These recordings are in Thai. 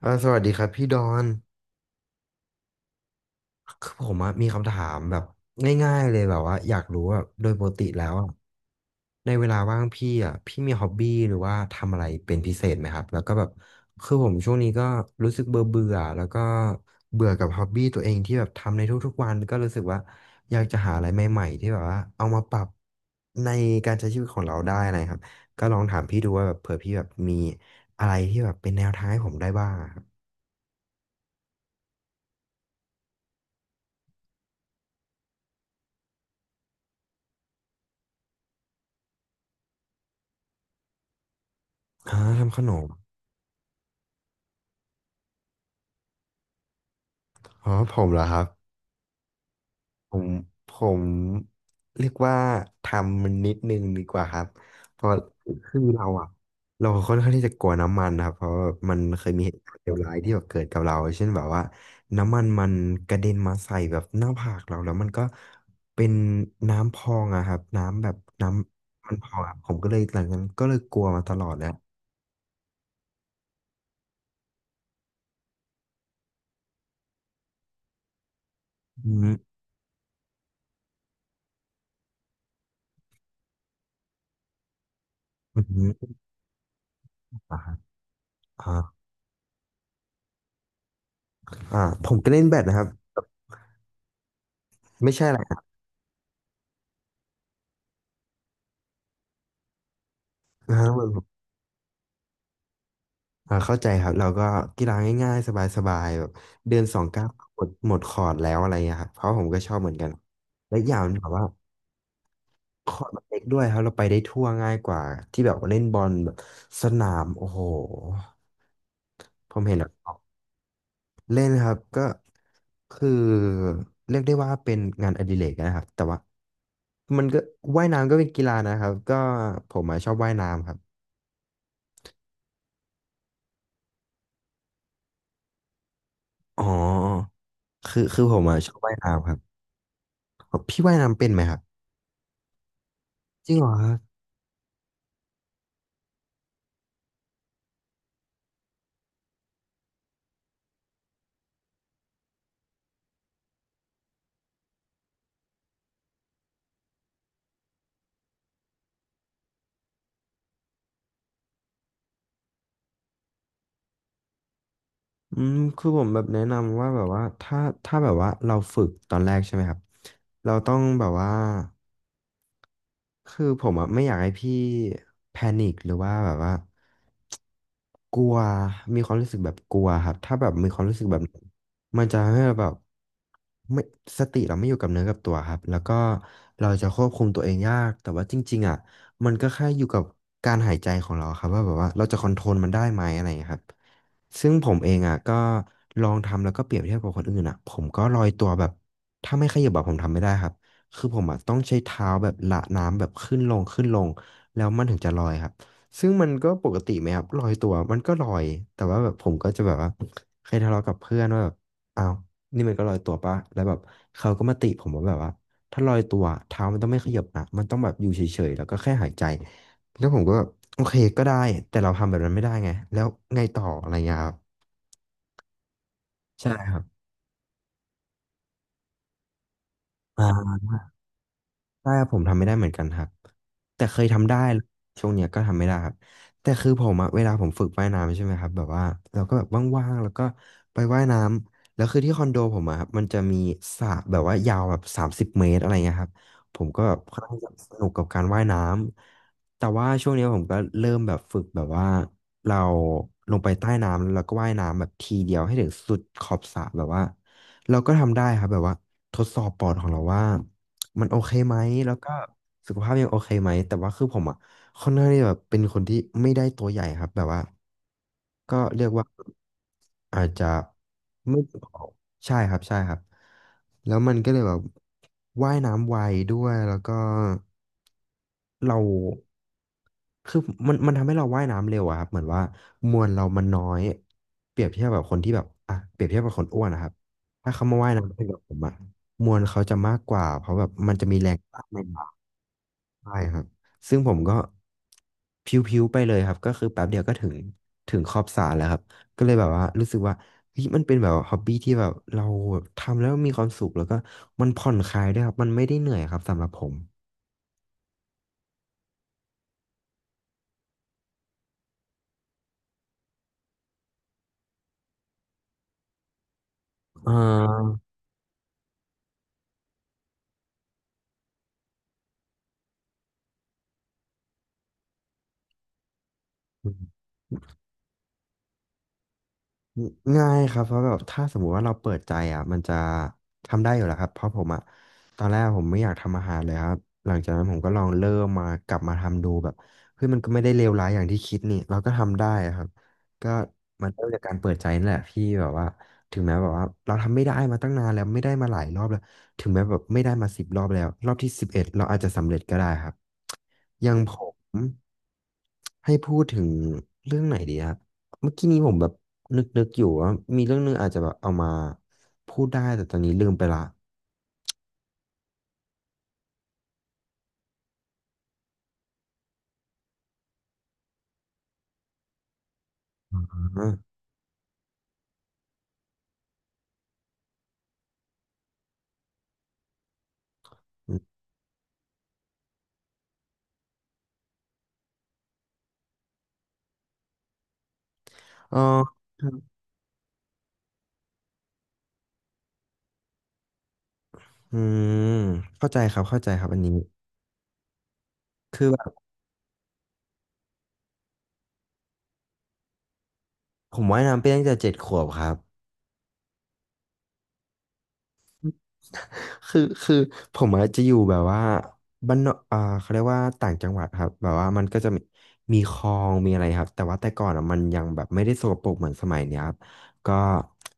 สวัสดีครับพี่ดอนคือผมอะมีคำถามแบบง่ายๆเลยแบบว่าอยากรู้ว่าโดยปกติแล้วอะในเวลาว่างพี่อะพี่มีฮ็อบบี้หรือว่าทำอะไรเป็นพิเศษไหมครับแล้วก็แบบคือผมช่วงนี้ก็รู้สึกเบื่อเบื่อแล้วก็เบื่อกับฮ็อบบี้ตัวเองที่แบบทำในทุกๆวันก็รู้สึกว่าอยากจะหาอะไรใหม่ๆที่แบบว่าเอามาปรับในการใช้ชีวิตของเราได้อะไรครับก็ลองถามพี่ดูว่าแบบเผื่อพี่แบบมีอะไรที่แบบเป็นแนวทางให้ผมได้บ้างอะครับอ่าทำขนม อ๋อผมเหรอครับผมผมเรียกว่าทำมันนิดนึงดีกว่าครับเพราะคือเราอะเราค่อนข้างที่จะกลัวน้ำมันนะครับเพราะว่ามันเคยมีเหตุการณ์เลวร้ายที่แบบเกิดกับเราเช่นแบบว่าน้ำมันมันกระเด็นมาใส่แบบหน้าผากเราแล้วมันก็เป็นน้ำพองอะครับน้ำแบบน้ำมันพองอะผมก็เลยหลังจากนั้นก็เลยกลัวมาตลอดแล้วอืมอืมอ่าอ่าผมก็เล่นแบดนะครับไม่ใช่อะไรอ่ะ เข้าใจครับเราก็กีฬาง่ายๆสบายๆแบบเดือนสองเก้าวหมดหมดคอร์ดแล้วอะไรอย่างเงี้ยครับเพราะผมก็ชอบเหมือนกันและอกอย่างหนึ่งแบบว่าคอร์ดมันเล็กด้วยครับเราไปได้ทั่วง่ายกว่าที่แบบว่าเล่นบอลแบบสนามโอ้โหผมเห็นแล้วเล่นครับก็คือเรียกได้ว่าเป็นงานอดิเรกนะครับแต่ว่ามันก็ว่ายน้ำก็เป็นกีฬานะครับก็ผมอะชอบว่ายน้ำครับอ๋อคือผมอะชอบว่ายน้ำครับพี่ว่ายน้ำเป็นไหมครับจริงเหรอ อืมคือผมแบบแนะนำว่าแบบว่าถ้าแบบว่าเราฝึกตอนแรกใช่ไหมครับเราต้องแบบว่า คือผมอะไม่อยากให้พี่แพนิคหรือว่าแบบว่ากลัวมีความรู้สึกแบบกลัวครับถ้าแบบมีความรู้สึกแบบนั้นมันจะให้เราแบบไม่สติเราไม่อยู่กับเนื้อกับตัวครับแล้วก็เราจะควบคุมตัวเองยากแต่ว่าจริงๆอ่ะมันก็แค่อยู่กับการหายใจของเราครับว่าแบบว่าเราจะคอนโทรลมันได้ไหมอะไรอย่างเงี้ยครับซึ่งผมเองอ่ะก็ลองทำแล้วก็เปรียบเทียบกับคนอื่นอ่ะผมก็ลอยตัวแบบถ้าไม่ขยับแบบผมทำไม่ได้ครับ คือผมอะต้องใช้เท้าแบบละน้ำแบบขึ้นลงขึ้นลงแล้วมันถึงจะลอยครับซึ่งมันก็ปกติไหมครับลอยตัวมันก็ลอยแต่ว่าแบบผมก็จะแบบว่าเคยทะเลาะกับเพื่อนว่าแบบอ้าวนี่มันก็ลอยตัวปะแล้วแบบเขาก็มาติผมว่าแบบว่าถ้าลอยตัวเท้ามันต้องไม่ขยับนะมันต้องแบบอยู่เฉยๆแล้วก็แค่หายใจแล้วผมก็แบบโอเคก็ได้แต่เราทำแบบนั้นไม่ได้ไงแล้วไงต่ออะไรเงี้ยครับใช่ครับอ่า ใช่ครับผมทำไม่ได้เหมือนกันครับแต่เคยทำได้ช่วงเนี้ยก็ทำไม่ได้ครับแต่คือผมอะเวลาผมฝึกว่ายน้ำใช่ไหมครับแบบว่าเราก็แบบว่างๆแล้วก็ไปว่ายน้ำแล้วคือที่คอนโดผมอะครับมันจะมีสระแบบว่ายาวแบบ30 เมตรอะไรเงี้ยครับผมก็แบบค่อนข้างจะสนุกกับการว่ายน้ำแต่ว่าช่วงเนี้ยผมก็เริ่มแบบฝึกแบบว่าเราลงไปใต้น้ำแล้วเราก็ว่ายน้ำแบบทีเดียวให้ถึงสุดขอบสระแบบว่าเราก็ทำได้ครับแบบว่าทดสอบปอดของเราว่า มันโอเคไหมแล้วก็สุขภาพยังโอเคไหมแต่ว่าคือผมอ่ะค่อนข้างที่แบบเป็นคนที่ไม่ได้ตัวใหญ่ครับ แบบว่าก็เรียกว่าอาจจะไม่ผอมใช่ครับใช่ครับแล้วมันก็เลยแบบว่ายน้ำไวด้วยแล้วก็เราคือมันทำให้เราว่ายน้ำเร็วอะครับเหมือนว่ามวลเรามันน้อยเปรียบเทียบแบบคนที่แบบอ่ะเปรียบเทียบกับคนอ้วนนะครับถ้าเขามาว่ายน้ำเป็นกับผมอะ มวลเขาจะมากกว่าเพราะแบบมันจะมีแรงต้านในป่ากใช่ครับซึ่งผมก็พิ้วๆไปเลยครับก็คือแป๊บเดียวก็ถึงขอบสระแล้วครับก็เลยแบบว่ารู้สึกว่าเฮ้ยมันเป็นแบบฮอบบี้ที่แบบเราแบบทำแล้วมีความสุขแล้วก็มันผ่อนคลายด้วยครับมันไม่ได้เหนื่อยครับสำหรับผมอ่า ง่ายครับเพราะแบบถ้าสมมุติว่าเราเปิดใจอ่ะมันจะทำได้อยู่แล้วครับเพราะผมอ่ะตอนแรกผมไม่อยากทำอาหารเลยครับหลังจากนั้นผมก็ลองเริ่มมากลับมาทำดูแบบเฮ้ยมันก็ไม่ได้เลวร้ายอย่างที่คิดนี่เราก็ทำได้อะครับก็มันเริ่มจากการเปิดใจนั่นแหละพี่แบบว่าถึงแม้แบบว่าเราทำไม่ได้มาตั้งนานแล้วไม่ได้มาหลายรอบแล้วถึงแม้แบบไม่ได้มา10 รอบแล้วรอบที่สิบเอ็ดเราอาจจะสำเร็จก็ได้ครับอย่างผม ให้พูดถึงเรื่องไหนดีครับเมื่อกี้นี้ผมแบบนึกอยู่ว่ามีเรื่องนึงอาจจะแบบเอามาพูดได้แต่ตอนนี้ลืมไปละอ่าอมเออครับอืมเข้าใจครับเข้าใจครับอันนี้คือแบบผมว่ายน้ำเป็นตั้งแต่7 ขวบครับ คือผมอาจจะอยู่แบบว่าบ้านนอกอ่าเขาเรียกว่าต่างจังหวัดครับแบบว่ามันก็จะมีคลองมีอะไรครับแต่ว่าแต่ก่อนอ่ะมันยังแบบไม่ได้สกปรกเหมือนสมัยเนี้ยครับก็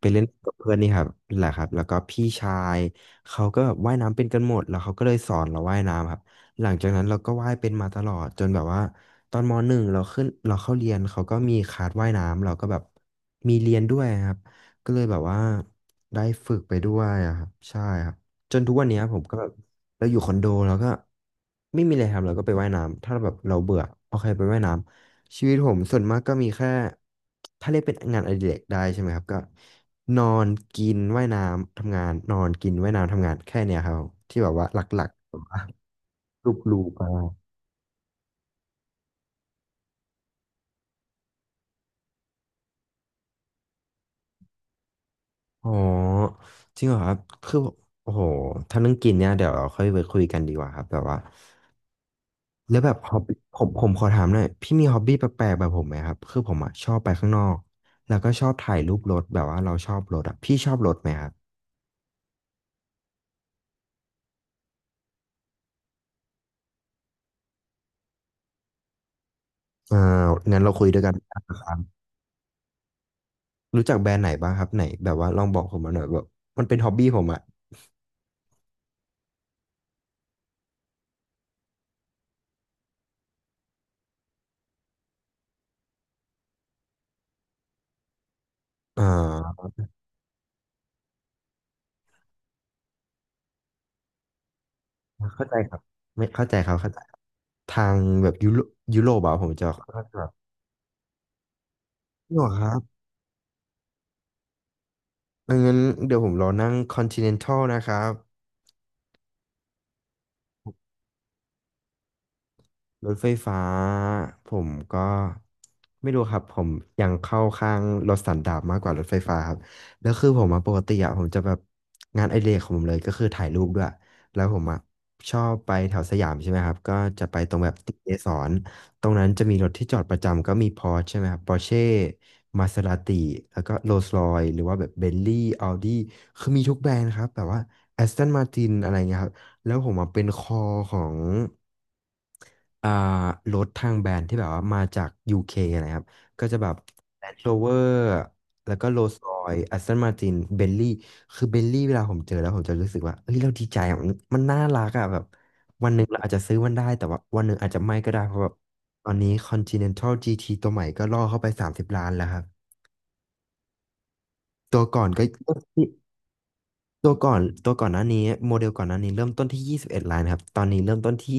ไปเล่นกับเพื่อนนี่ครับแหละครับแล้วก็พี่ชายเขาก็แบบว่ายน้ำเป็นกันหมดแล้วเขาก็เลยสอนเราว่ายน้ำครับหลังจากนั้นเราก็ว่ายเป็นมาตลอดจนแบบว่าตอนมหนึ่งเราขึ้นเราเข้าเรียนเขาก็มีคลาสว่ายน้ำเราก็แบบมีเรียนด้วยครับ ก็เลยแบบว่าได้ฝึกไปด้วยอะครับใช่ครับจนทุกวันเนี้ยผมก็แบบเราอยู่คอนโดแล้วก็ไม่มีอะไรทำเราก็ไปว่ายน้ำถ้าแบบเราเบื่อโอเคไปว่ายน้ำชีวิตผมส่วนมากก็มีแค่ถ้าเรียกเป็นงานอดิเรกได้ใช่ไหมครับก็นอนกินว่ายน้ำทำงานนอนกินว่ายน้ำทำงานแค่เนี้ยครับที่แบบว่าหลักๆแบบว่ารูปรูปไปอ๋อจริงเหรอครับคือโอ้โหถ้าเรื่องกินเนี่ยเดี๋ยวเราค่อยไปคุยกันดีกว่าครับแบบว่า แล้วแบบฮอบบี้ผมขอถามหน่อยพี่มีฮอบบี้แปลกๆแบบผมไหมครับคือผมอ่ะชอบไปข้างนอกแล้วก็ชอบถ่ายรูปรถแบบว่าเราชอบรถอะพี่ชอบรถไหมครับอ่างั้นเราคุยด้วยกัน ครับรู้จักแบรนด์ไหนบ้างครับไหนแบบว่าลองบอกผมมาหน่อยแบบมันเป็นฮอบบี้ผมอ่ะอ่าเข้าใจครับไม่เข้าใจครับเข้าใจครับทางแบบยุโรปอะผมจะเข้าใจแบบนี่หรอครับงั้นเดี๋ยวผมรอนั่ง Continental นะครับ รถไฟฟ้าผมก็ไม่รู้ครับผมยังเข้าข้างรถสันดาปมากกว่ารถไฟฟ้าครับแล้วคือผมมาปกติอะผมจะแบบงานอดิเรกของผมเลยก็คือถ่ายรูปด้วยแล้วผมอะชอบไปแถวสยามใช่ไหมครับก็จะไปตรงแบบติกเกสรตรงนั้นจะมีรถที่จอดประจำก็มีพอร์ชใช่ไหมครับปอร์เช่มาเซราติแล้วก็โรลส์รอยหรือว่าแบบเบนลี่อ u d ดี้คือมีทุกแบรนด์ครับแบบว่าแอสตันมาตินอะไรเงี้ยครับแล้วผมอะเป็นคอของ อ่ารถทางแบรนด์ที่แบบว่ามาจาก UK นะครับก็จะแบบ Land Rover แล้วก็ Rolls Royce Aston Martin Bentley คือ Bentley เวลาผมเจอแล้วผมจะรู้สึกว่าเฮ้ยเราดีใจอะมันมันน่ารักอะแบบวันหนึ่งเราอาจจะซื้อมันได้แต่ว่าวันหนึ่งอาจจะไม่ก็ได้เพราะแบบตอนนี้ Continental GT ตัวใหม่ก็ล่อเข้าไป30ล้านแล้วครับตัวก่อนก็ตัวก่อนหน้านี้โมเดลก่อนหน้านี้เริ่มต้นที่21 ล้านครับตอนนี้เริ่มต้นที่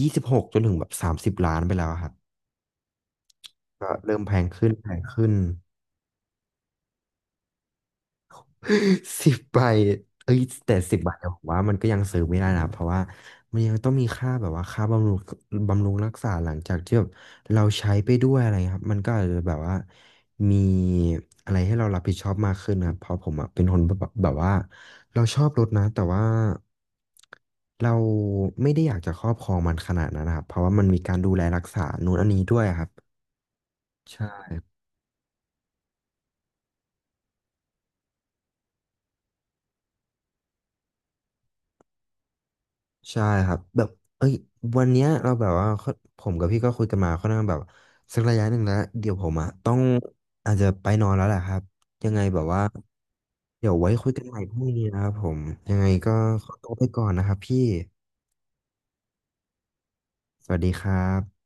26จนถึงแบบ30 ล้านไปแล้วครับ ก็เริ่มแพงขึ้นแพงขึ้น 10 ใบเอ้ยแต่สิบบาบเนี่ยวผมว่ามันก็ยังซื้อไม่ได้นะเพราะว่ามันยังต้องมีค่าแบบว่าค่าบำรุงบำรุงรักษาหลังจากที่แบบเราใช้ไปด้วยอะไรครับมันก็อาจจะแบบว่ามีอะไรให้เรารับผิดชอบมากขึ้นนะครับเพราะผมอะเป็นคนแบบว่าเราชอบรถนะแต่ว่าเราไม่ได้อยากจะครอบครองมันขนาดนั้นนะครับเพราะว่ามันมีการดูแลรักษานู่นอันนี้ด้วยครับใช่ ใช่ครับแบบเอ้ยวันเนี้ยเราแบบว่าค่อนผมกับพี่ก็คุยกันมาค่อนข้างแบบสักระยะหนึ่งแล้วเดี๋ยวผมอะต้องอาจจะไปนอนแล้วแหละครับยังไงแบบว่าเดี๋ยวไว้คุยกันใหม่พรุ่งนี้นะครับผมยังไงก็ขอตัวไปก่อนนะครับพี่สวัสดีครับ